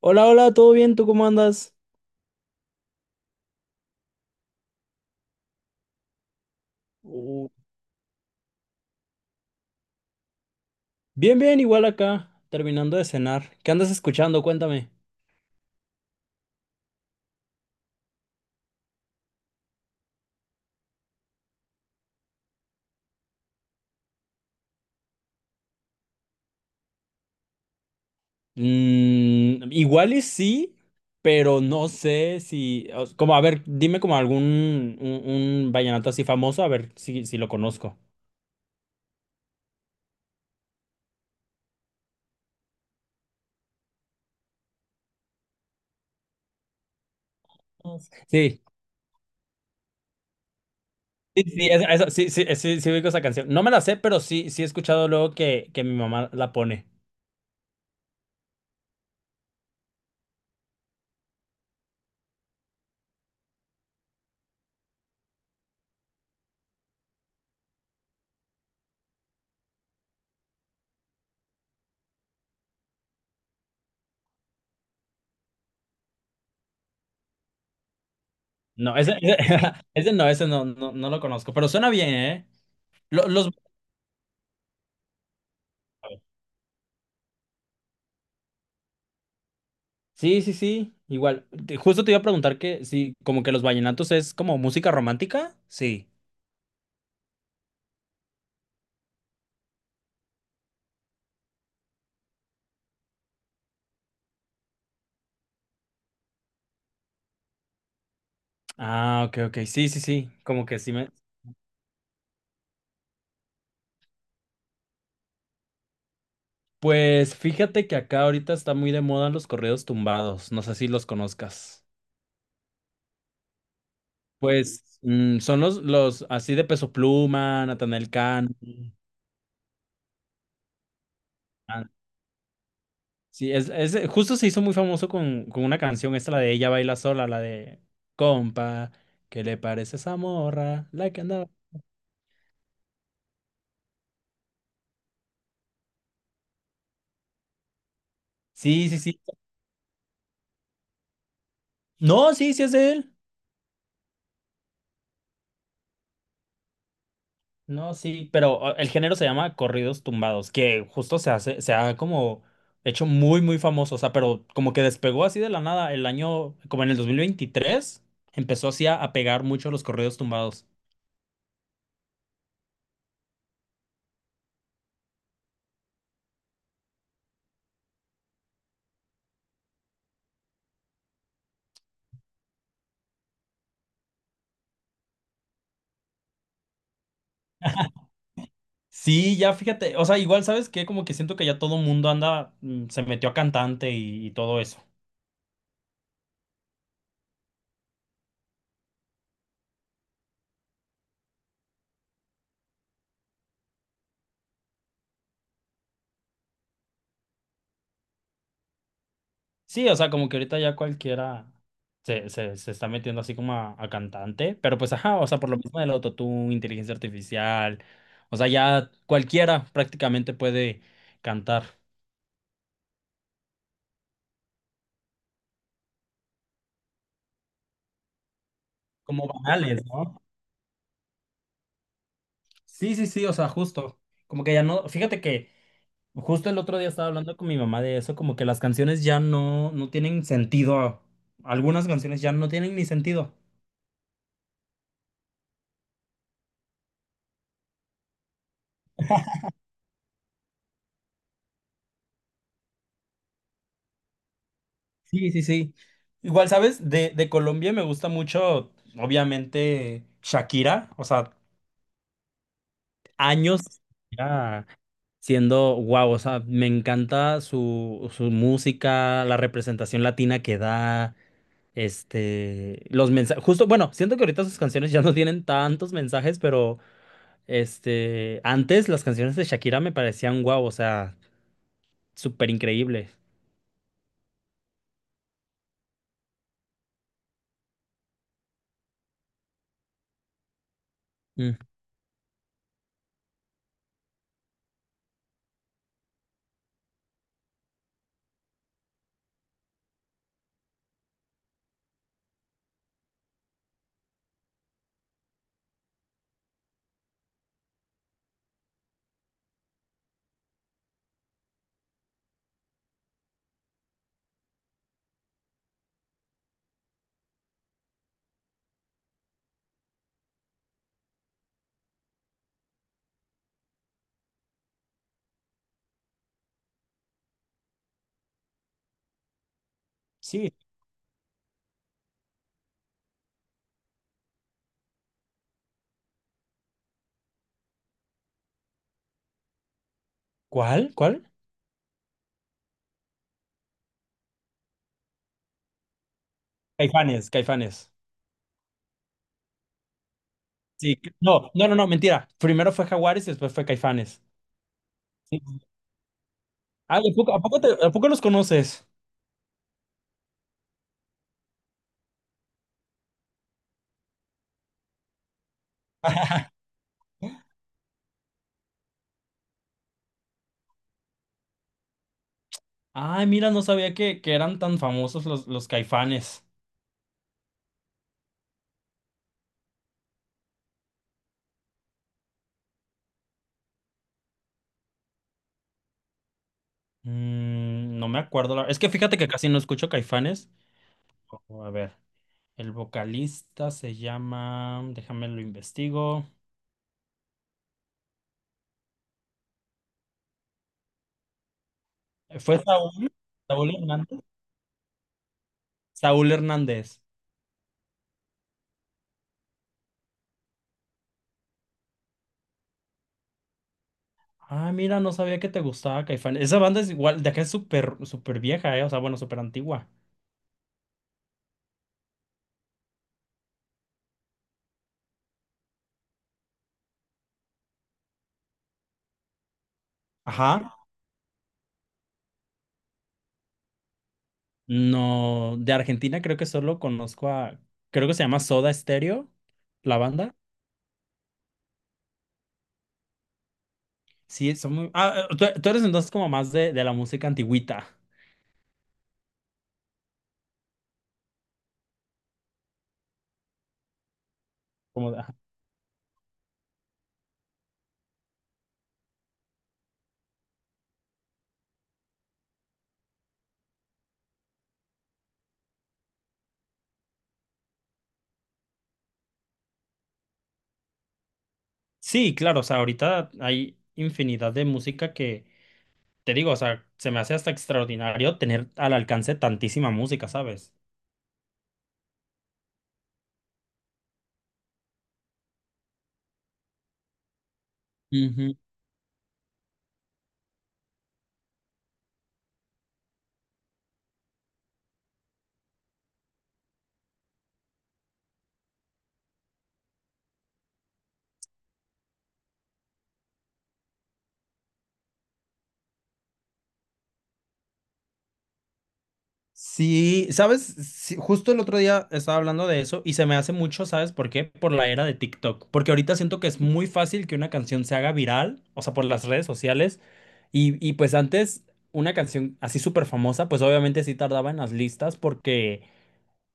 Hola, hola, ¿todo bien? ¿Tú cómo andas? Uh, Bien, bien, igual acá, terminando de cenar. ¿Qué andas escuchando? Cuéntame. Mm, igual y sí, pero no sé si, o- s- como, a ver, dime como un vallenato así famoso, a ver si, si lo conozco. Sí, sí, sí, eso, sí, sí, sí, sí ubico esa canción. No me la sé, pero sí, sí he escuchado luego que mi mamá la pone. No, ese, ese no, no, no lo conozco, pero suena bien, ¿eh? Lo- Los... Sí, sí, sí, igual. Justo te iba a preguntar que sí, como que los vallenatos es como música romántica. Sí. Ah, ok, ok. Sí, sí, sí. Como que sí me. Pues fíjate que acá ahorita está muy de moda los corridos tumbados. No sé si los conozcas. Pues mm, son los así de Peso Pluma, Natanael Cano. Ah, sí, es justo se hizo muy famoso con una canción, esta la de Ella baila sola, la de Compa, ¿qué le parece esa morra? La que andaba. Sí, sí, sí. No, sí, sí es de él. No, sí, pero o, el género se llama corridos tumbados, que justo se hace, se ha como hecho muy, muy famoso, o sea, pero como que despegó así de la nada el año, como en el 2023 empezó así a pegar mucho los corridos tumbados. Sí, ya fíjate, o sea, igual sabes que como que siento que ya todo mundo anda, mm, se metió a cantante y todo eso. Sí, o sea, como que ahorita ya cualquiera se está metiendo así como a cantante, pero pues ajá, o sea, por lo mismo del autotune, inteligencia artificial, o sea, ya cualquiera prácticamente puede cantar como banales, ¿no? Sí, sí, sí, o sea, justo, como que ya no, fíjate que justo el otro día estaba hablando con mi mamá de eso, como que las canciones ya no tienen sentido, algunas canciones ya no tienen ni sentido. Sí, sí, sí. Igual, ¿sabes? De Colombia me gusta mucho, obviamente, Shakira. O sea, años Shakira siendo guau. O sea, me encanta su, su música, la representación latina que da, este, los mensajes. Justo, bueno, siento que ahorita sus canciones ya no tienen tantos mensajes, pero este, antes las canciones de Shakira me parecían guau. O sea, súper increíble. Mm. Sí. ¿Cuál? ¿Cuál? Caifanes, Caifanes. Sí, no, no, no, no, mentira. Primero fue Jaguares y después fue Caifanes. Sí. Ah, ¿a poco, a poco a poco los conoces? Ay, mira, no sabía que eran tan famosos los Caifanes. Mm, no me acuerdo. Es que fíjate que casi no escucho Caifanes. Oh, a ver, el vocalista se llama, déjame lo investigo. ¿Fue Saúl? ¿Saúl Hernández? Saúl Hernández. Ah, mira, no sabía que te gustaba Caifanes. Esa banda es igual, de acá es súper, súper vieja, ¿eh? O sea, bueno, súper antigua. Ajá. No, de Argentina creo que solo conozco a, creo que se llama Soda Stereo, la banda. Sí, son muy... Ah, tú, tú eres entonces como más de la música antigüita. Ajá. Sí, claro, o sea, ahorita hay infinidad de música que, te digo, o sea, se me hace hasta extraordinario tener al alcance tantísima música, ¿sabes? Ujú. Sí, sabes, sí, justo el otro día estaba hablando de eso y se me hace mucho, ¿sabes por qué? Por la era de TikTok, porque ahorita siento que es muy fácil que una canción se haga viral, o sea, por las redes sociales, y pues antes una canción así súper famosa, pues obviamente sí tardaba en las listas porque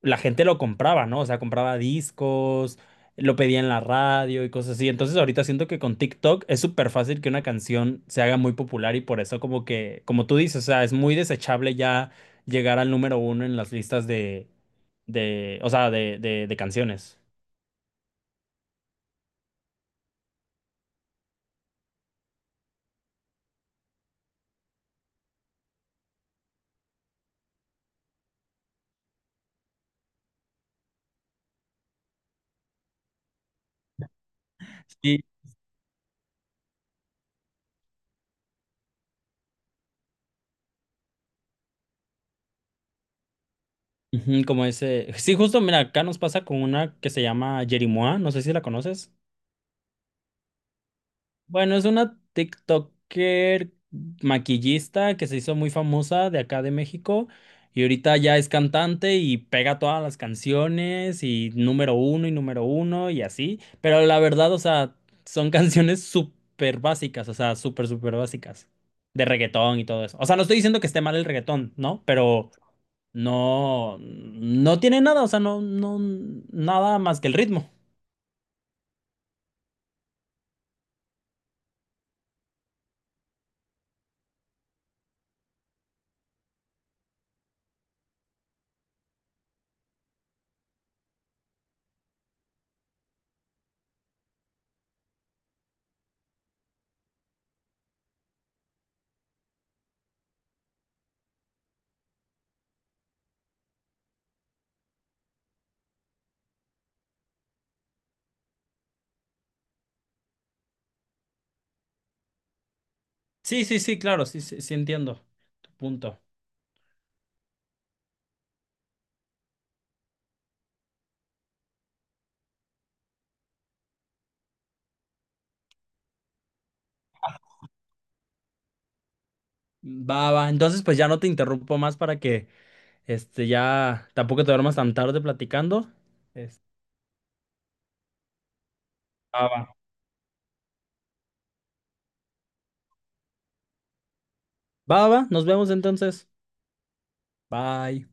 la gente lo compraba, ¿no? O sea, compraba discos, lo pedía en la radio y cosas así. Entonces ahorita siento que con TikTok es súper fácil que una canción se haga muy popular y por eso como que, como tú dices, o sea, es muy desechable ya llegar al número uno en las listas de, o sea, de canciones. Sí. Ujú, como ese. Sí, justo, mira, acá nos pasa con una que se llama Jerimois, no sé si la conoces. Bueno, es una TikToker maquillista que se hizo muy famosa de acá de México y ahorita ya es cantante y pega todas las canciones y número uno y número uno y así. Pero la verdad, o sea, son canciones súper básicas, o sea, súper, súper básicas de reggaetón y todo eso. O sea, no estoy diciendo que esté mal el reggaetón, ¿no? Pero no, no tiene nada, o sea, no, no, nada más que el ritmo. Sí, sí, sí, claro, sí, sí, sí entiendo tu punto. Va, va. Entonces, pues ya no te interrumpo más para que este ya tampoco te duermas tan tarde platicando. Es- Va, va. Va, va. Nos vemos entonces. Bye.